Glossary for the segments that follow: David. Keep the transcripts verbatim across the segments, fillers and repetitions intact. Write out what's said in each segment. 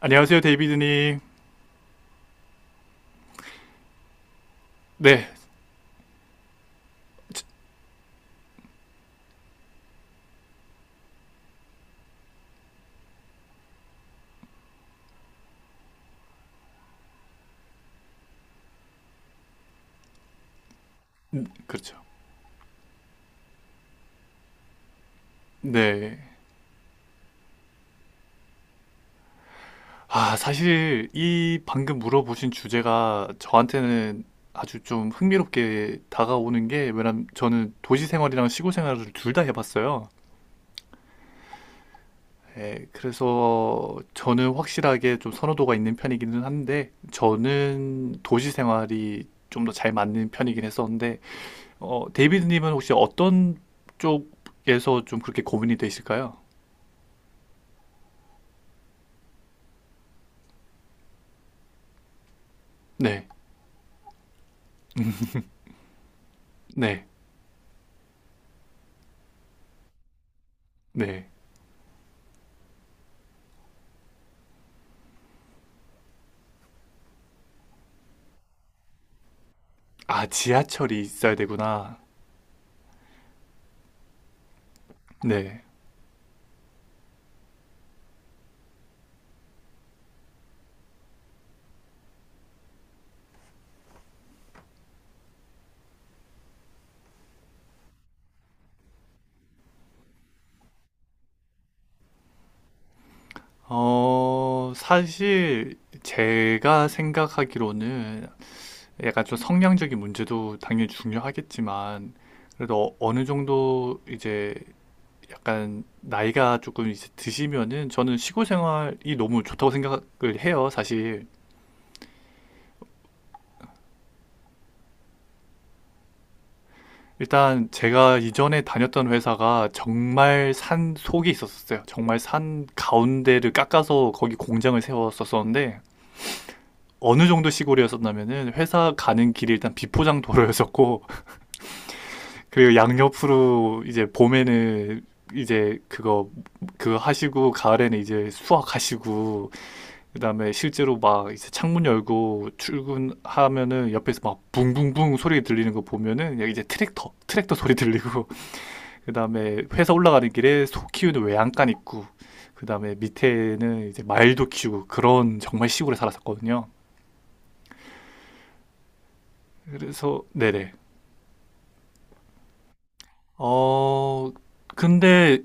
안녕하세요, 데이비드님. 네, 지- 그렇죠. 네. 아, 사실 이 방금 물어보신 주제가 저한테는 아주 좀 흥미롭게 다가오는 게, 왜냐면 저는 도시 생활이랑 시골 생활을 둘 다 해봤어요. 예, 그래서 저는 확실하게 좀 선호도가 있는 편이기는 한데, 저는 도시 생활이 좀 더 잘 맞는 편이긴 했었는데, 어, 데이비드님은 혹시 어떤 쪽에서 좀 그렇게 고민이 되실까요? 네, 네, 네. 아, 지하철이 있어야 되구나. 네. 어, 사실 제가 생각하기로는 약간 좀 성량적인 문제도 당연히 중요하겠지만 그래도 어- 어느 정도 이제 약간 나이가 조금 이제 드시면은 저는 시골 생활이 너무 좋다고 생각을 해요, 사실. 일단 제가 이전에 다녔던 회사가 정말 산 속에 있었어요. 정말 산 가운데를 깎아서 거기 공장을 세웠었었는데 어느 정도 시골이었었냐면은 회사 가는 길이 일단 비포장 도로였었고 그리고 양옆으로 이제 봄에는 이제 그거 그거 하시고 가을에는 이제 수확하시고 그다음에 실제로 막 이제 창문 열고 출근하면은 옆에서 막 붕붕붕 소리 들리는 거 보면은 이제 트랙터 트랙터 소리 들리고 그다음에 회사 올라가는 길에 소 키우는 외양간 있고 그다음에 밑에는 이제 말도 키우고 그런 정말 시골에 살았었거든요. 그래서 네네. 어, 근데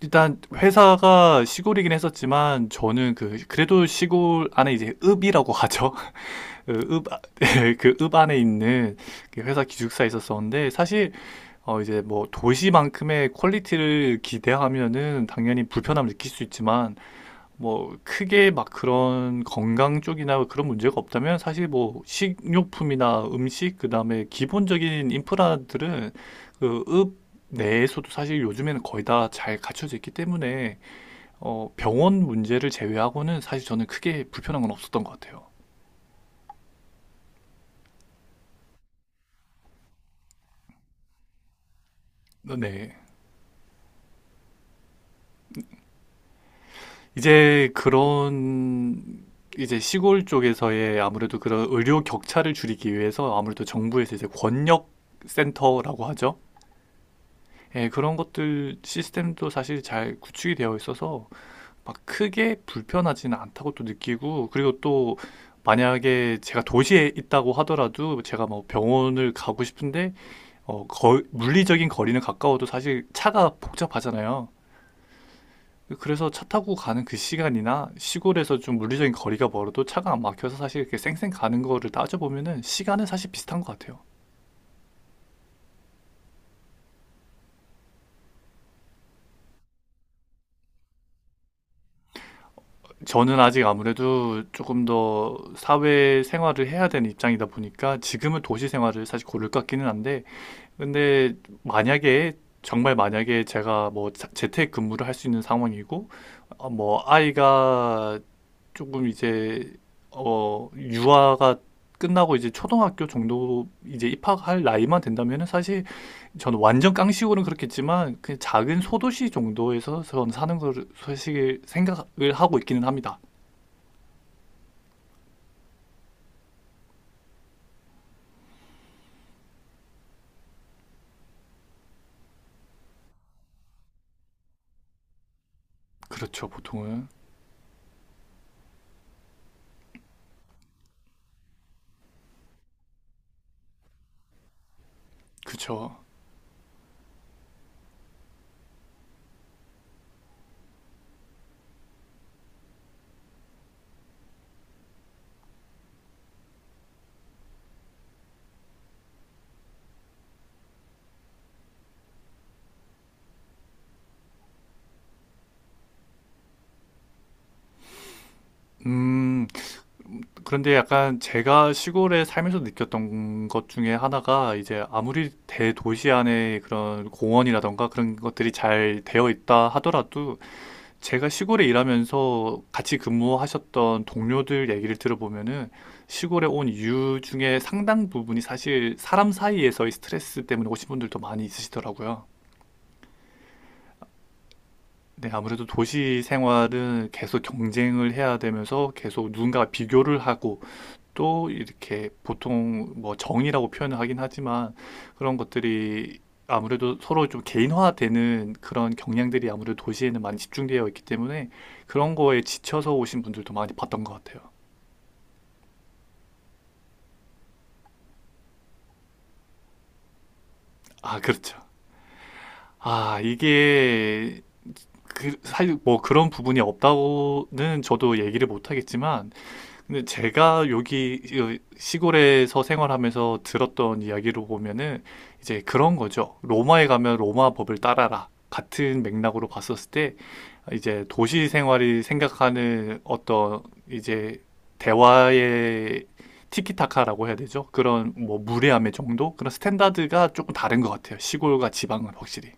일단 회사가 시골이긴 했었지만 저는 그 그래도 시골 안에 이제 읍이라고 하죠. 그 읍, 그 읍 안에 있는 그 회사 기숙사에 있었었는데 사실 어 이제 뭐 도시만큼의 퀄리티를 기대하면은 당연히 불편함을 느낄 수 있지만 뭐 크게 막 그런 건강 쪽이나 그런 문제가 없다면 사실 뭐 식료품이나 음식 그다음에 기본적인 인프라들은 그읍 내에서도 사실 요즘에는 거의 다 잘 갖춰져 있기 때문에 어 병원 문제를 제외하고는 사실 저는 크게 불편한 건 없었던 것 같아요. 어, 네. 이제 그런 이제 시골 쪽에서의 아무래도 그런 의료 격차를 줄이기 위해서 아무래도 정부에서 이제 권역 센터라고 하죠. 예, 그런 것들 시스템도 사실 잘 구축이 되어 있어서 막 크게 불편하지는 않다고 또 느끼고 그리고 또 만약에 제가 도시에 있다고 하더라도 제가 뭐 병원을 가고 싶은데 어, 거, 물리적인 거리는 가까워도 사실 차가 복잡하잖아요. 그래서 차 타고 가는 그 시간이나 시골에서 좀 물리적인 거리가 멀어도 차가 안 막혀서 사실 이렇게 쌩쌩 가는 거를 따져보면은 시간은 사실 비슷한 것 같아요. 저는 아직 아무래도 조금 더 사회 생활을 해야 되는 입장이다 보니까 지금은 도시 생활을 사실 고를 것 같기는 한데, 근데 만약에, 정말 만약에 제가 뭐 자- 재택 근무를 할 수 있는 상황이고, 어, 뭐 아이가 조금 이제, 어, 유아가 끝나고 이제 초등학교 정도 이제 입학할 나이만 된다면은 사실 저는 완전 깡식으로는 그렇겠지만, 그냥 작은 소도시 정도에서 저는 사는 걸 사실 생각을 하고 있기는 합니다. 그렇죠, 보통은. 그쵸. 음, 그런데 약간 제가 시골에 살면서 느꼈던 것 중에 하나가 이제 아무리 대도시 안에 그런 공원이라던가 그런 것들이 잘 되어 있다 하더라도 제가 시골에 일하면서 같이 근무하셨던 동료들 얘기를 들어보면은 시골에 온 이유 중에 상당 부분이 사실 사람 사이에서의 스트레스 때문에 오신 분들도 많이 있으시더라고요. 네, 아무래도 도시 생활은 계속 경쟁을 해야 되면서 계속 누군가와 비교를 하고 또 이렇게 보통 뭐 정이라고 표현을 하긴 하지만 그런 것들이 아무래도 서로 좀 개인화되는 그런 경향들이 아무래도 도시에는 많이 집중되어 있기 때문에 그런 거에 지쳐서 오신 분들도 많이 봤던 것 같아요. 아, 그렇죠. 아, 이게 그, 사실 뭐 그런 부분이 없다고는 저도 얘기를 못 하겠지만 근데 제가 여기 시골에서 생활하면서 들었던 이야기로 보면은 이제 그런 거죠. 로마에 가면 로마 법을 따라라. 같은 맥락으로 봤었을 때 이제 도시 생활이 생각하는 어떤 이제 대화의 티키타카라고 해야 되죠. 그런 뭐 무례함의 정도? 그런 스탠다드가 조금 다른 것 같아요. 시골과 지방은 확실히.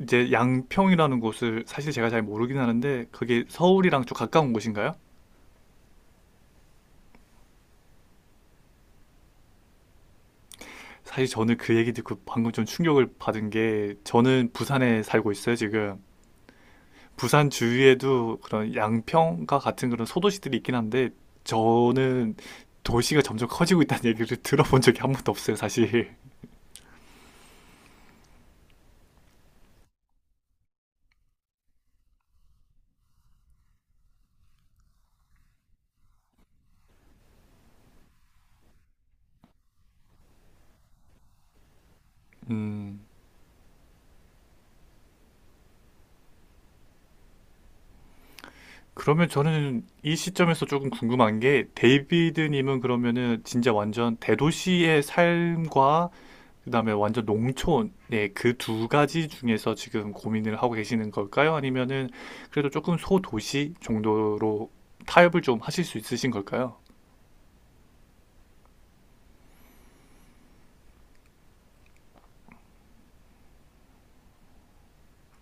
이제 양평이라는 곳을 사실 제가 잘 모르긴 하는데 그게 서울이랑 좀 가까운 곳인가요? 사실 저는 그 얘기 듣고 방금 좀 충격을 받은 게 저는 부산에 살고 있어요, 지금. 부산 주위에도 그런 양평과 같은 그런 소도시들이 있긴 한데 저는 도시가 점점 커지고 있다는 얘기를 들어본 적이 한 번도 없어요, 사실. 음. 그러면 저는 이 시점에서 조금 궁금한 게 데이비드님은 그러면은 진짜 완전 대도시의 삶과 그다음에 완전 농촌의 그 두 가지 중에서 지금 고민을 하고 계시는 걸까요? 아니면은 그래도 조금 소도시 정도로 타협을 좀 하실 수 있으신 걸까요?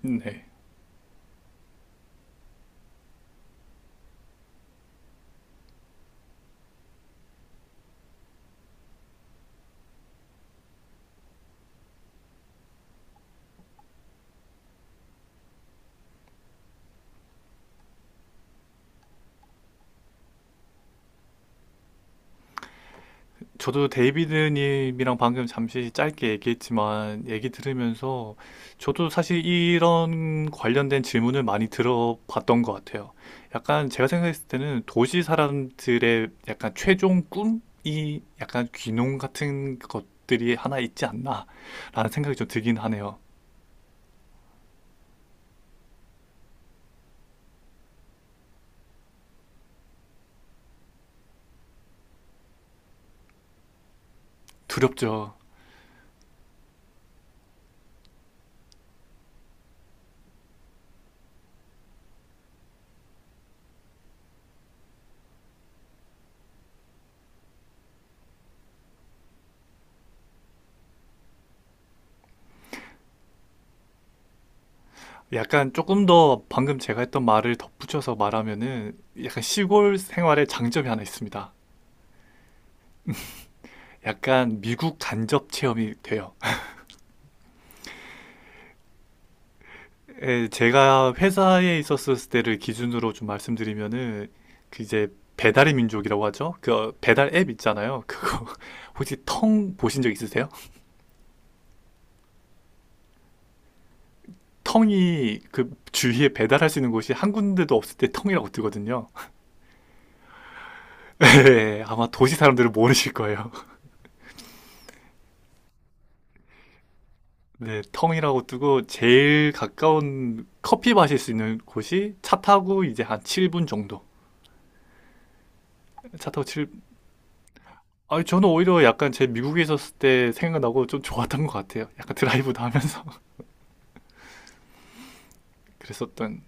네. 저도 데이비드님이랑 방금 잠시 짧게 얘기했지만 얘기 들으면서 저도 사실 이런 관련된 질문을 많이 들어봤던 것 같아요. 약간 제가 생각했을 때는 도시 사람들의 약간 최종 꿈이 약간 귀농 같은 것들이 하나 있지 않나라는 생각이 좀 들긴 하네요. 두렵죠. 약간 조금 더 방금 제가 했던 말을 덧붙여서 말하면은 약간 시골 생활의 장점이 하나 있습니다. 약간 미국 간접 체험이 돼요. 예, 제가 회사에 있었을 때를 기준으로 좀 말씀드리면은 그 이제 배달의 민족이라고 하죠. 그 배달 앱 있잖아요. 그거 혹시 텅 보신 적 있으세요? 텅이 그 주위에 배달할 수 있는 곳이 한 군데도 없을 때 텅이라고 뜨거든요. 예, 아마 도시 사람들은 모르실 거예요. 네, 텅이라고 뜨고 제일 가까운 커피 마실 수 있는 곳이 차 타고 이제 한 칠 분 정도. 차 타고 칠 아니, 저는 오히려 약간 제 미국에 있었을 때 생각나고 좀 좋았던 것 같아요. 약간 드라이브도 하면서 그랬었던.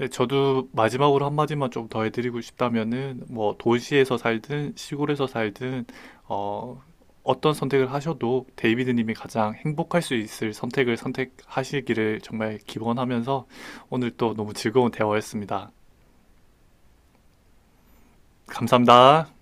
네, 저도 마지막으로 한마디만 좀 더 해드리고 싶다면은, 뭐, 도시에서 살든 시골에서 살든, 어, 어떤 선택을 하셔도 데이비드님이 가장 행복할 수 있을 선택을 선택하시기를 정말 기원하면서 오늘 또 너무 즐거운 대화였습니다. 감사합니다.